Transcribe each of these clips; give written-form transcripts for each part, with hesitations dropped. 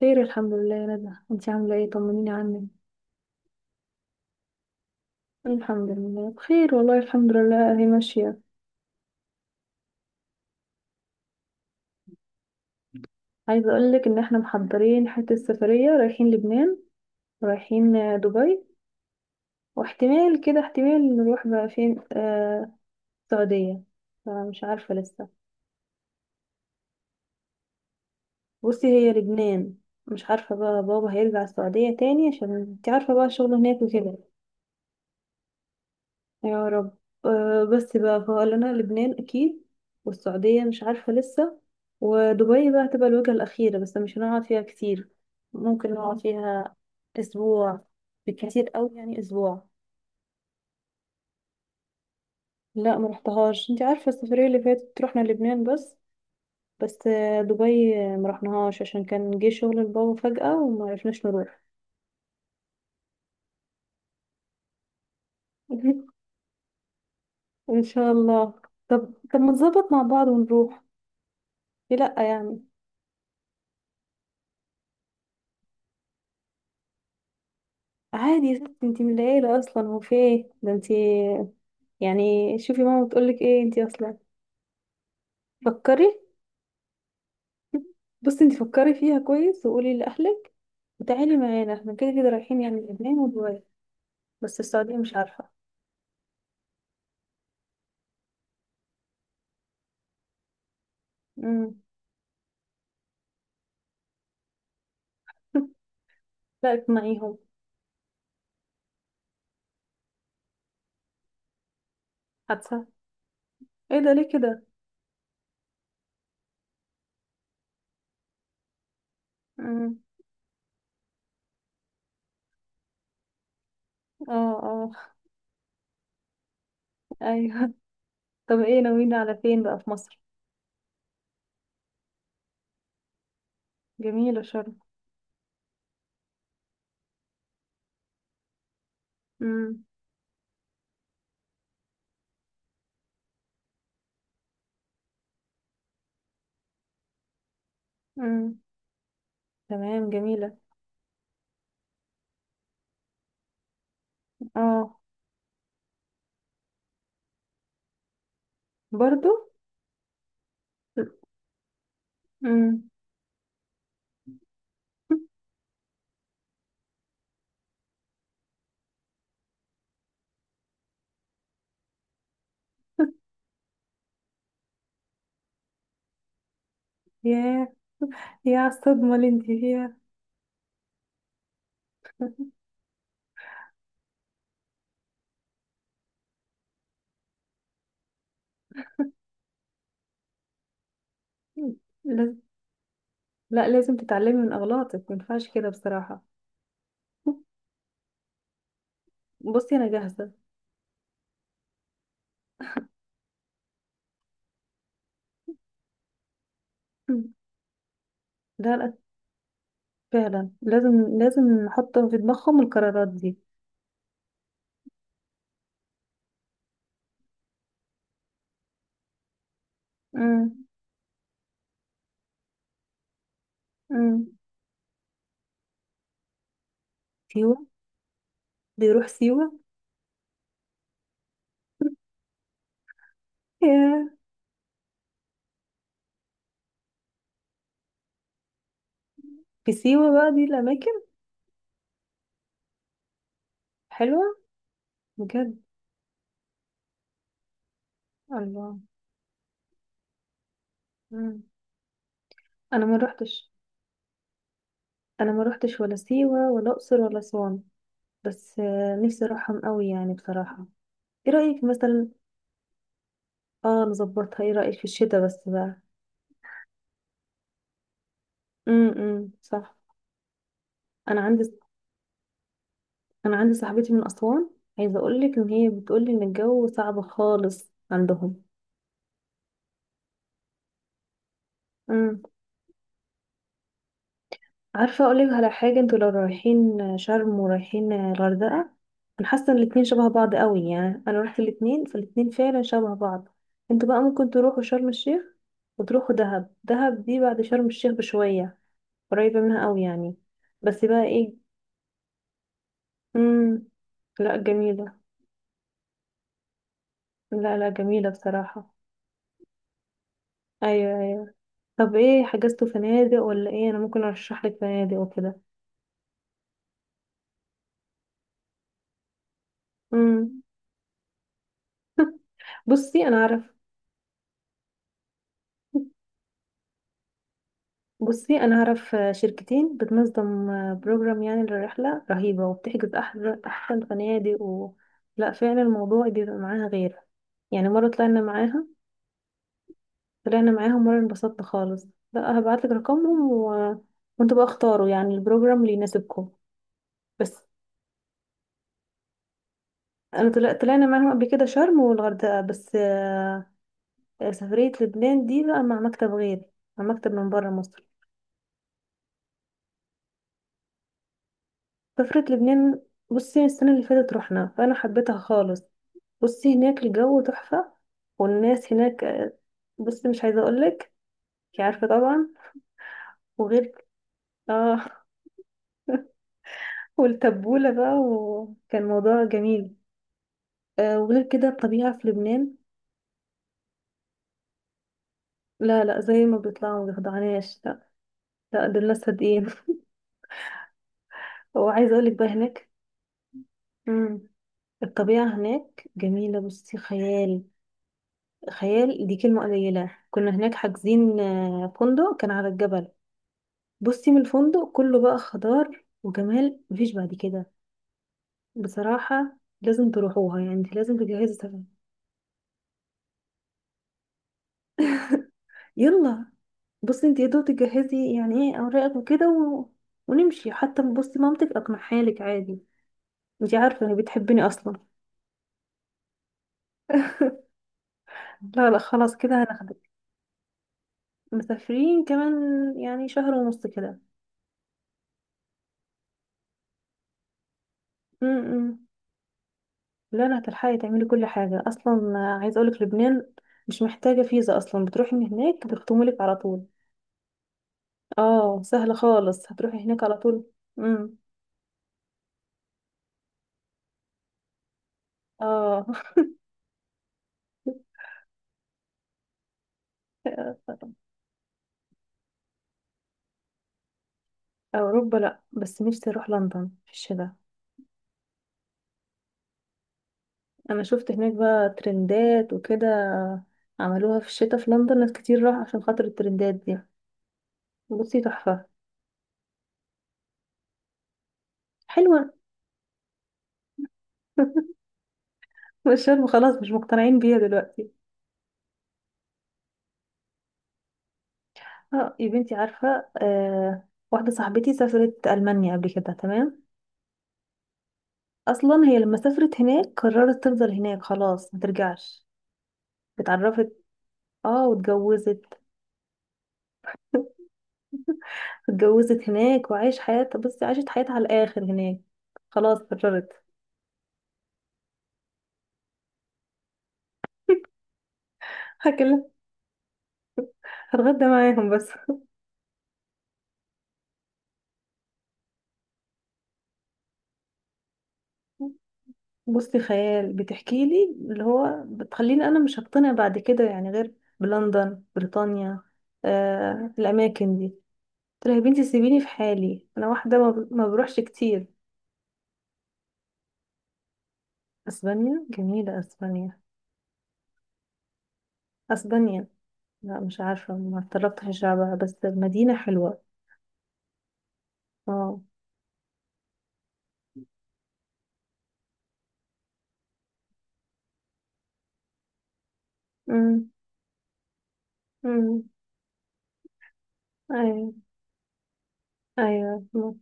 خير، الحمد لله يا ندى. انتي عاملة ايه؟ طمنيني عنك. الحمد لله بخير، والله الحمد لله هي ماشية. عايزة اقولك ان احنا محضرين حتة سفرية، رايحين لبنان. رايحين دبي. واحتمال كده احتمال نروح بقى فين السعودية. فمش عارفة لسه. بصي، هي لبنان. مش عارفة بقى، بابا هيرجع السعودية تاني، عشان انتي عارفة بقى الشغل هناك وكده. يا رب. أه، بس بقى فقال لنا لبنان اكيد. والسعودية مش عارفة لسه. ودبي بقى هتبقى الوجهة الأخيرة، بس مش هنقعد فيها كتير. ممكن نقعد فيها أسبوع. بالكتير أوي يعني أسبوع. لا، ما رحتهاش. انت عارفة السفرية اللي فاتت رحنا لبنان بس. بس دبي، ما رحناهاش عشان كان جه شغل البابا فجأة وما عرفناش نروح. ان شاء الله. طب طب، ما نظبط مع بعض ونروح. ليه لا يعني؟ عادي يا ستي، انتي من العيلة اصلا. هو في ايه ده؟ انتي يعني، شوفي ماما بتقولك ايه؟ انتي اصلا فكري. بصي، انتي فكري فيها كويس وقولي لأهلك. وتعالي معانا، احنا كده كده رايحين يعني لبنان ودبي. بس السعودية مش عارفة. امم. لا، اقنعيهم. حادثة! ايه ده؟ ليه كده؟ امم. اه، اه، ايوه. طب ايه ناويين على فين بقى في مصر؟ جميلة شرم. امم. امم. تمام، جميلة. اه، برضو. امم. ياه. يا الصدمة اللي انت فيها! لاز- لا، لازم تتعلمي من أغلاطك، ما ينفعش كده بصراحة. بصي، أنا جاهزة. لا لا، فعلا لازم لازم نحط في دماغهم القرارات دي. مم. مم. سيوة. بيروح سيوة. ياه. في سيوة بقى دي الأماكن؟ حلوة. بجد؟ الله. مم. أنا ما روحتش. أنا ما روحتش ولا سيوة ولا أقصر ولا أسوان. بس نفسي أروحهم قوي يعني بصراحة. إيه رأيك مثلا؟ اه، نظبطها. إيه رأيك في الشتاء بس بقى؟ امم، صح. انا عندي انا عندي صاحبتي من اسوان. عايزه اقول لك ان هي بتقول لي ان الجو صعب خالص عندهم. امم. عارفه اقول لك على حاجه، انتوا لو رايحين شرم ورايحين الغردقه، انا حاسه ان الاتنين شبه بعض قوي يعني. انا رحت الاتنين فالاتنين فعلا شبه بعض. انتوا بقى ممكن تروحوا شرم الشيخ، وتروحوا دهب. دهب دي بعد شرم الشيخ بشويه، قريبه منها قوي يعني. بس بقى ايه. امم. لا، جميله. لا لا، جميله بصراحه. ايوه. طب، ايه حجزتوا فنادق ولا ايه؟ انا ممكن ارشح لك فنادق وكده. امم. بصي انا اعرف بصي انا اعرف شركتين بتنظم بروجرام يعني للرحله رهيبه، وبتحجز احلى احسن فنادق و... لا، فعلا الموضوع بيبقى معاها غير. يعني مره طلعنا معاها. طلعنا معاهم مره انبسطنا خالص. لا، هبعت لك رقمهم و... وانتوا بقى اختاروا يعني البروجرام اللي يناسبكم. بس انا طلعنا معاهم قبل كده شرم والغردقه بس. سفرية لبنان دي بقى مع مكتب غيري، مع مكتب من بره مصر. سفرية لبنان، بصي السنة اللي فاتت رحنا فأنا حبيتها خالص. بصي، هناك الجو تحفة. والناس هناك بصي مش عايزة أقولك. انتي عارفة طبعا. وغير، اه. والتبولة بقى، وكان موضوع جميل. وغير كده الطبيعة في لبنان. لا لا، زي ما بيطلعوا ما بيخدعناش، لا. لا، دول ناس صادقين. وعايزة أقولك بقى هناك. مم. الطبيعة هناك جميلة، بصي خيال. خيال دي كلمة قليلة. كنا هناك حاجزين فندق كان على الجبل. بصي، من الفندق كله بقى خضار وجمال مفيش بعد كده. بصراحة لازم تروحوها، يعني انت لازم تجهزي سفر. يلا. بصي انت يا دوب تجهزي يعني ايه اوراقك وكده و... ونمشي، حتى بصي مامتك اقنعها لك عادي. انت عارفة انك بتحبني اصلا. لا لا، خلاص كده هناخدك. مسافرين كمان يعني شهر ونص كده. م- م. لا لا، هتلحقي تعملي كل حاجة أصلا. عايزة أقولك لبنان مش محتاجة فيزا أصلا، بتروحي من هناك بيختموا لك على طول. اه، سهلة خالص، هتروحي هناك على طول. امم. اه. أوروبا لأ، بس نفسي أروح لندن في الشتاء. أنا شفت هناك بقى ترندات وكده، عملوها في الشتاء في لندن. ناس كتير راح عشان خاطر الترندات دي. بصي تحفة. حلوة. مش شرم، خلاص مش مقتنعين بيها دلوقتي. اه يا بنتي، عارفة، واحدة صاحبتي سافرت ألمانيا قبل كده، تمام. أصلا هي لما سافرت هناك قررت تفضل هناك، خلاص ما ترجعش. اتعرفت، اه، واتجوزت. اتجوزت هناك وعايش حياتها. بصي عاشت حياتها على الآخر هناك. خلاص قررت. هكلم، هتغدى معاهم بس. بصي خيال بتحكي لي، اللي هو بتخليني أنا مش هقتنع بعد كده يعني، غير بلندن، بريطانيا، الأماكن دي. قلت لها يا بنتي سيبيني في حالي، انا واحده ما بروحش كتير. اسبانيا جميله، اسبانيا. اسبانيا. لا مش عارفه، ما اتطرقتش لشعبها، بس المدينه حلوه. اه. امم. امم. ايوه. ايوه. مم.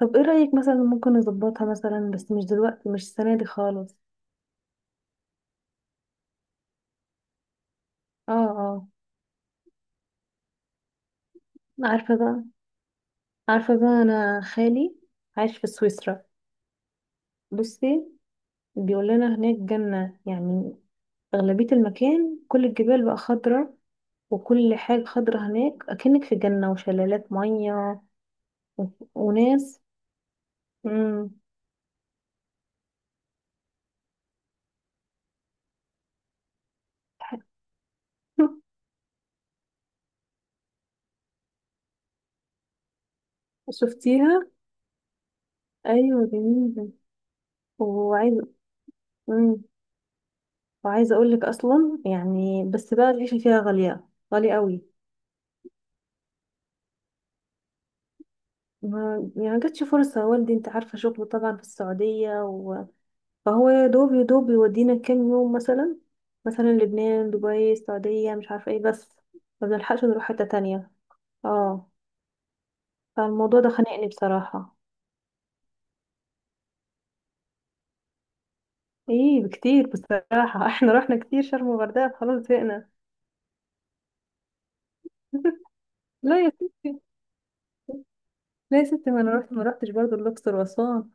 طب ايه رايك، مثلا ممكن نظبطها، مثلا بس مش دلوقتي، مش السنه دي خالص. اه، اه. عارفه بقى عارفه بقى انا خالي عايش في سويسرا. بصي، بيقول لنا هناك جنه يعني. اغلبيه المكان كل الجبال بقى خضره، وكل حاجة خضرة هناك أكنك في جنة، وشلالات مية و... وناس. مم. شفتيها؟ أيوة، جميلة. وعايزة. مم. وعايزة أقول لك أصلا يعني، بس بقى العيشة فيها غالية، غالية قوي. ما يعني جاتش فرصة، والدي أنت عارفة شغله طبعا في السعودية و... فهو يا دوب يا دوب يودينا كام يوم مثلا. مثلا لبنان، دبي، السعودية، مش عارفة ايه، بس ما بنلحقش نروح حتة تانية. اه، فالموضوع ده خانقني بصراحة. ايه، بكتير بصراحة. احنا رحنا كتير شرم وغردقة، خلاص زهقنا. لا يا ستي. لا يا ستي، ما انا رحت، ما رحتش برضو الاقصر واسوان.